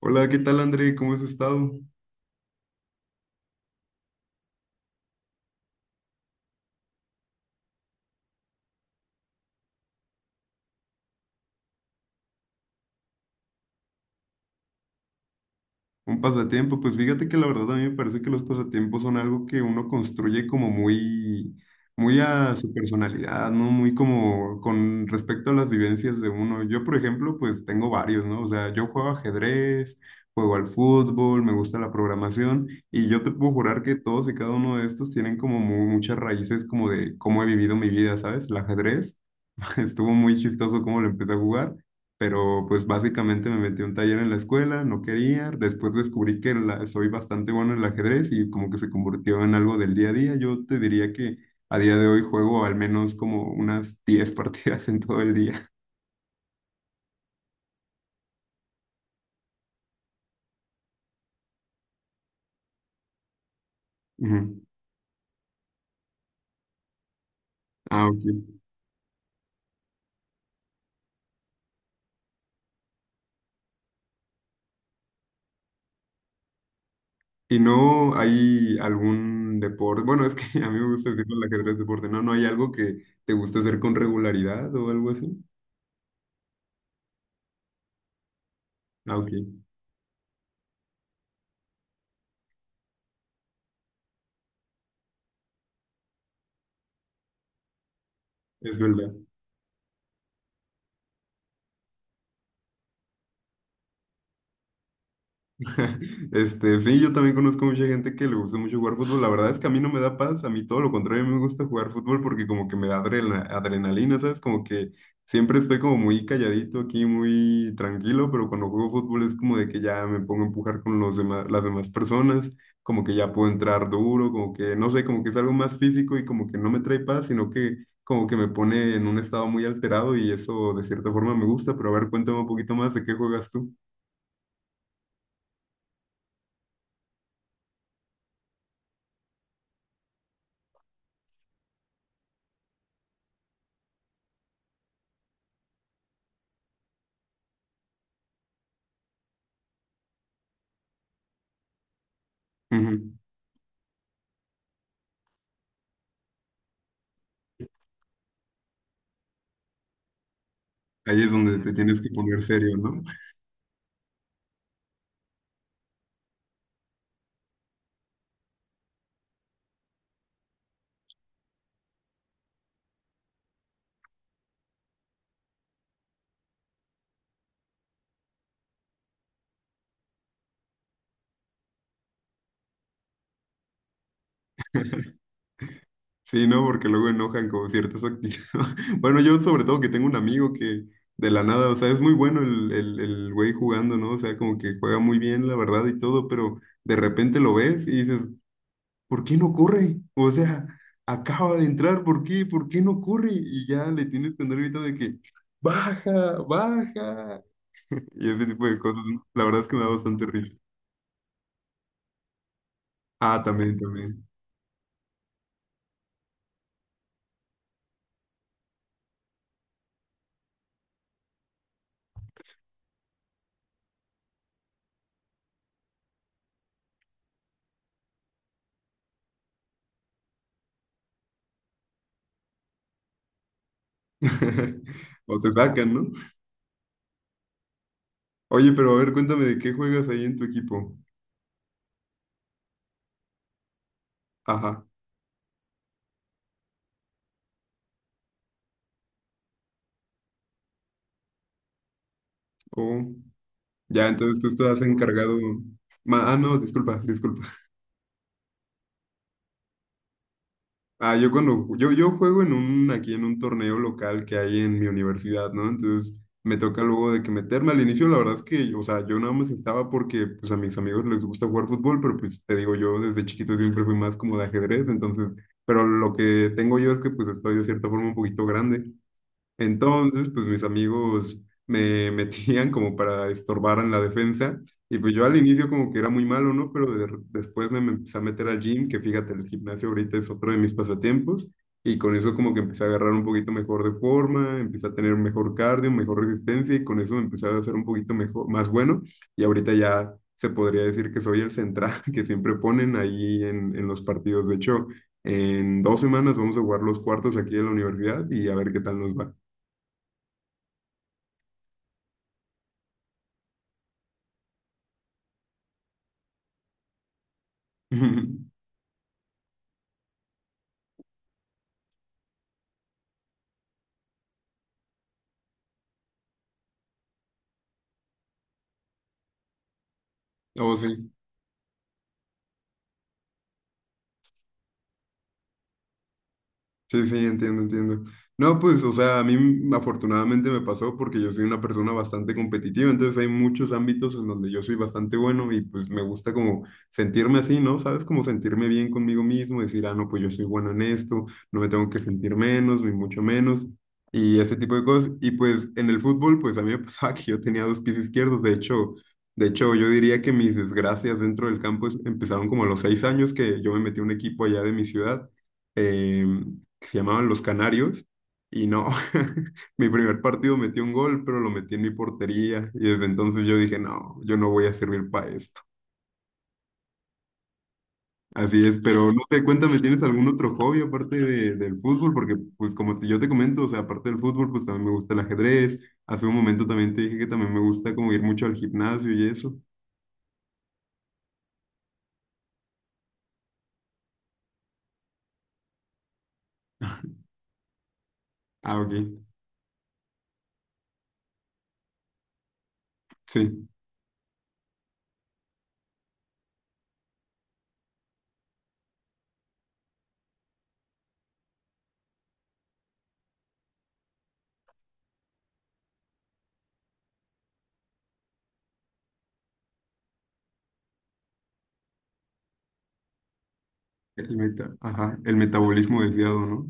Hola, ¿qué tal André? ¿Cómo has estado? Un pasatiempo, pues fíjate que la verdad a mí me parece que los pasatiempos son algo que uno construye como muy, muy a su personalidad, ¿no? Muy como con respecto a las vivencias de uno. Yo, por ejemplo, pues tengo varios, ¿no? O sea, yo juego ajedrez, juego al fútbol, me gusta la programación y yo te puedo jurar que todos y cada uno de estos tienen como muchas raíces como de cómo he vivido mi vida, ¿sabes? El ajedrez. Estuvo muy chistoso cómo lo empecé a jugar, pero pues básicamente me metí a un taller en la escuela, no quería, después descubrí que soy bastante bueno en el ajedrez y como que se convirtió en algo del día a día. Yo te diría que a día de hoy juego al menos como unas 10 partidas en todo el día. Ujú. Ah, ok. ¿Y no hay algún deporte? Bueno, es que a mí me gusta decir el ajedrez deporte, ¿no? ¿No hay algo que te gusta hacer con regularidad o algo así? Ah, ok, es verdad. Este, sí, yo también conozco mucha gente que le gusta mucho jugar fútbol. La verdad es que a mí no me da paz, a mí todo lo contrario, me gusta jugar fútbol porque como que me da adrenalina, ¿sabes? Como que siempre estoy como muy calladito aquí, muy tranquilo, pero cuando juego fútbol es como de que ya me pongo a empujar con los demás, las demás personas, como que ya puedo entrar duro, como que no sé, como que es algo más físico y como que no me trae paz, sino que como que me pone en un estado muy alterado y eso de cierta forma me gusta, pero a ver, cuéntame un poquito más de qué juegas tú. Ahí es donde te tienes que poner serio, ¿no? Sí, ¿no? Porque luego enojan con ciertas actitudes. Bueno, yo sobre todo que tengo un amigo que de la nada, o sea, es muy bueno el güey jugando, ¿no? O sea, como que juega muy bien, la verdad, y todo, pero de repente lo ves y dices, ¿por qué no corre? O sea, acaba de entrar, ¿por qué? ¿Por qué no corre? Y ya le tienes que andar gritando de que, baja, baja. Y ese tipo de cosas, ¿no? La verdad es que me da bastante risa. Ah, también, también. O te sacan, ¿no? Oye, pero a ver, cuéntame de qué juegas ahí en tu equipo. Ajá. Oh, ya, entonces tú estás encargado. Ah, no, disculpa, disculpa. Ah, yo cuando yo juego en un, aquí en un torneo local que hay en mi universidad, ¿no? Entonces me toca luego de que meterme. Al inicio, la verdad es que, o sea, yo nada más estaba porque pues a mis amigos les gusta jugar fútbol, pero pues te digo, yo desde chiquito siempre fui más como de ajedrez, entonces, pero lo que tengo yo es que pues estoy de cierta forma un poquito grande. Entonces, pues mis amigos me metían como para estorbar en la defensa y pues yo al inicio como que era muy malo, ¿no? Pero después me, me empecé a meter al gym, que fíjate, el gimnasio ahorita es otro de mis pasatiempos y con eso como que empecé a agarrar un poquito mejor de forma, empecé a tener un mejor cardio, mejor resistencia y con eso me empecé a hacer un poquito mejor, más bueno y ahorita ya se podría decir que soy el central que siempre ponen ahí en los partidos. De hecho, en 2 semanas vamos a jugar los cuartos aquí en la universidad y a ver qué tal nos va. Oh, sí. Sí, sí, entiendo, entiendo. No, pues, o sea, a mí afortunadamente me pasó porque yo soy una persona bastante competitiva, entonces hay muchos ámbitos en donde yo soy bastante bueno y pues me gusta como sentirme así, ¿no? ¿Sabes? Como sentirme bien conmigo mismo, decir, ah, no, pues yo soy bueno en esto, no me tengo que sentir menos, ni mucho menos, y ese tipo de cosas. Y pues en el fútbol, pues a mí me pasaba que yo tenía dos pies izquierdos, de hecho, yo diría que mis desgracias dentro del campo empezaron como a los 6 años que yo me metí a un equipo allá de mi ciudad. em, que se llamaban Los Canarios, y no, mi primer partido metí un gol, pero lo metí en mi portería, y desde entonces yo dije, no, yo no voy a servir para esto. Así es, pero no te cuéntame, ¿tienes algún otro hobby aparte del fútbol? Porque, pues, como yo te comento, o sea, aparte del fútbol, pues también me gusta el ajedrez. Hace un momento también te dije que también me gusta como ir mucho al gimnasio y eso. Ah, ok, sí, ajá, el metabolismo deseado, ¿no?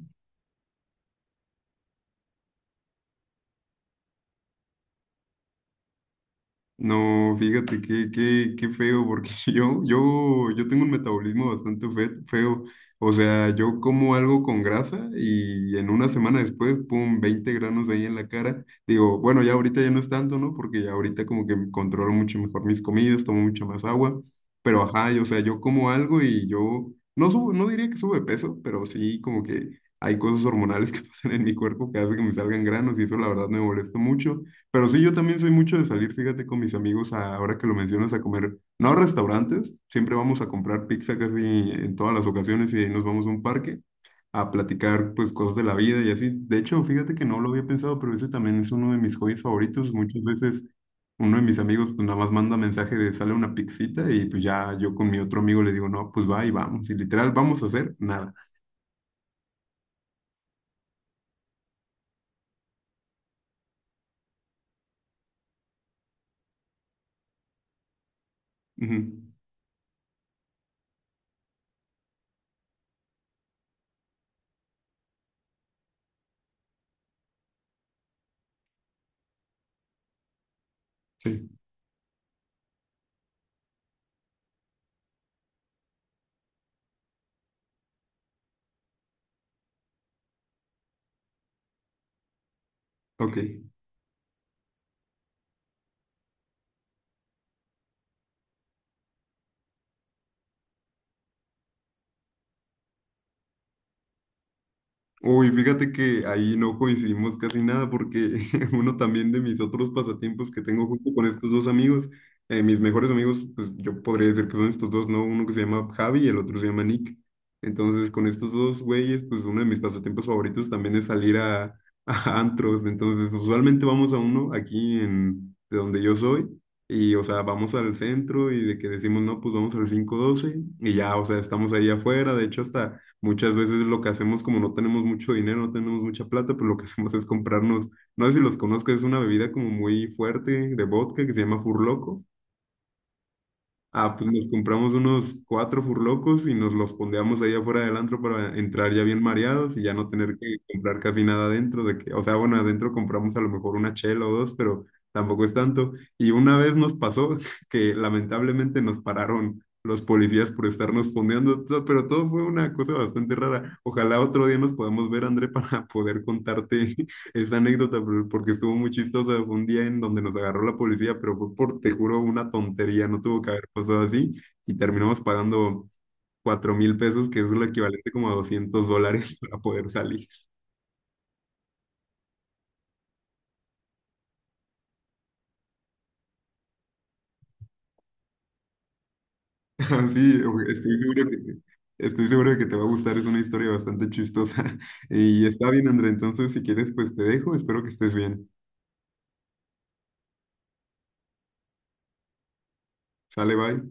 No, fíjate qué, feo, porque yo, tengo un metabolismo bastante feo. O sea, yo como algo con grasa y en una semana después, pum, 20 granos ahí en la cara. Digo, bueno, ya ahorita ya no es tanto, ¿no? Porque ya ahorita como que controlo mucho mejor mis comidas, tomo mucha más agua. Pero ajá, y, o sea, yo como algo y yo no subo, no diría que sube peso, pero sí como que hay cosas hormonales que pasan en mi cuerpo que hacen que me salgan granos y eso la verdad me molesta mucho. Pero sí, yo también soy mucho de salir, fíjate, con mis amigos, ahora que lo mencionas, a comer, no a restaurantes, siempre vamos a comprar pizza casi en todas las ocasiones y nos vamos a un parque a platicar pues cosas de la vida y así. De hecho, fíjate que no lo había pensado, pero ese también es uno de mis hobbies favoritos. Muchas veces uno de mis amigos pues nada más manda mensaje de sale una pizzita y pues ya yo con mi otro amigo le digo, no, pues va y vamos. Y literal, vamos a hacer nada. Ujú, sí, ok. Uy, fíjate que ahí no coincidimos casi nada porque uno también de mis otros pasatiempos que tengo justo con estos dos amigos, mis mejores amigos, pues yo podría decir que son estos dos, ¿no? Uno que se llama Javi y el otro se llama Nick. Entonces, con estos dos güeyes, pues uno de mis pasatiempos favoritos también es salir a, a antros. Entonces, usualmente vamos a uno aquí en, de donde yo soy. Y, o sea, vamos al centro y de que decimos, no, pues vamos al cinco doce y ya, o sea, estamos ahí afuera. De hecho, hasta... Muchas veces lo que hacemos, como no tenemos mucho dinero, no tenemos mucha plata, pues lo que hacemos es comprarnos, no sé si los conozcas, es una bebida como muy fuerte de vodka que se llama Furloco. Ah, pues nos compramos unos cuatro furlocos y nos los pondeamos ahí afuera del antro para entrar ya bien mareados y ya no tener que comprar casi nada adentro de que, o sea, bueno, adentro compramos a lo mejor una chela o dos, pero tampoco es tanto. Y una vez nos pasó que lamentablemente nos pararon los policías por estarnos pondeando, pero todo fue una cosa bastante rara. Ojalá otro día nos podamos ver, André, para poder contarte esa anécdota, porque estuvo muy chistosa, fue un día en donde nos agarró la policía, pero fue por, te juro, una tontería, no tuvo que haber pasado así, y terminamos pagando 4.000 pesos, que es lo equivalente como a 200 dólares para poder salir. Así, estoy seguro que, estoy seguro de que te va a gustar, es una historia bastante chistosa. Y está bien, André, entonces si quieres, pues te dejo, espero que estés bien. Sale, bye.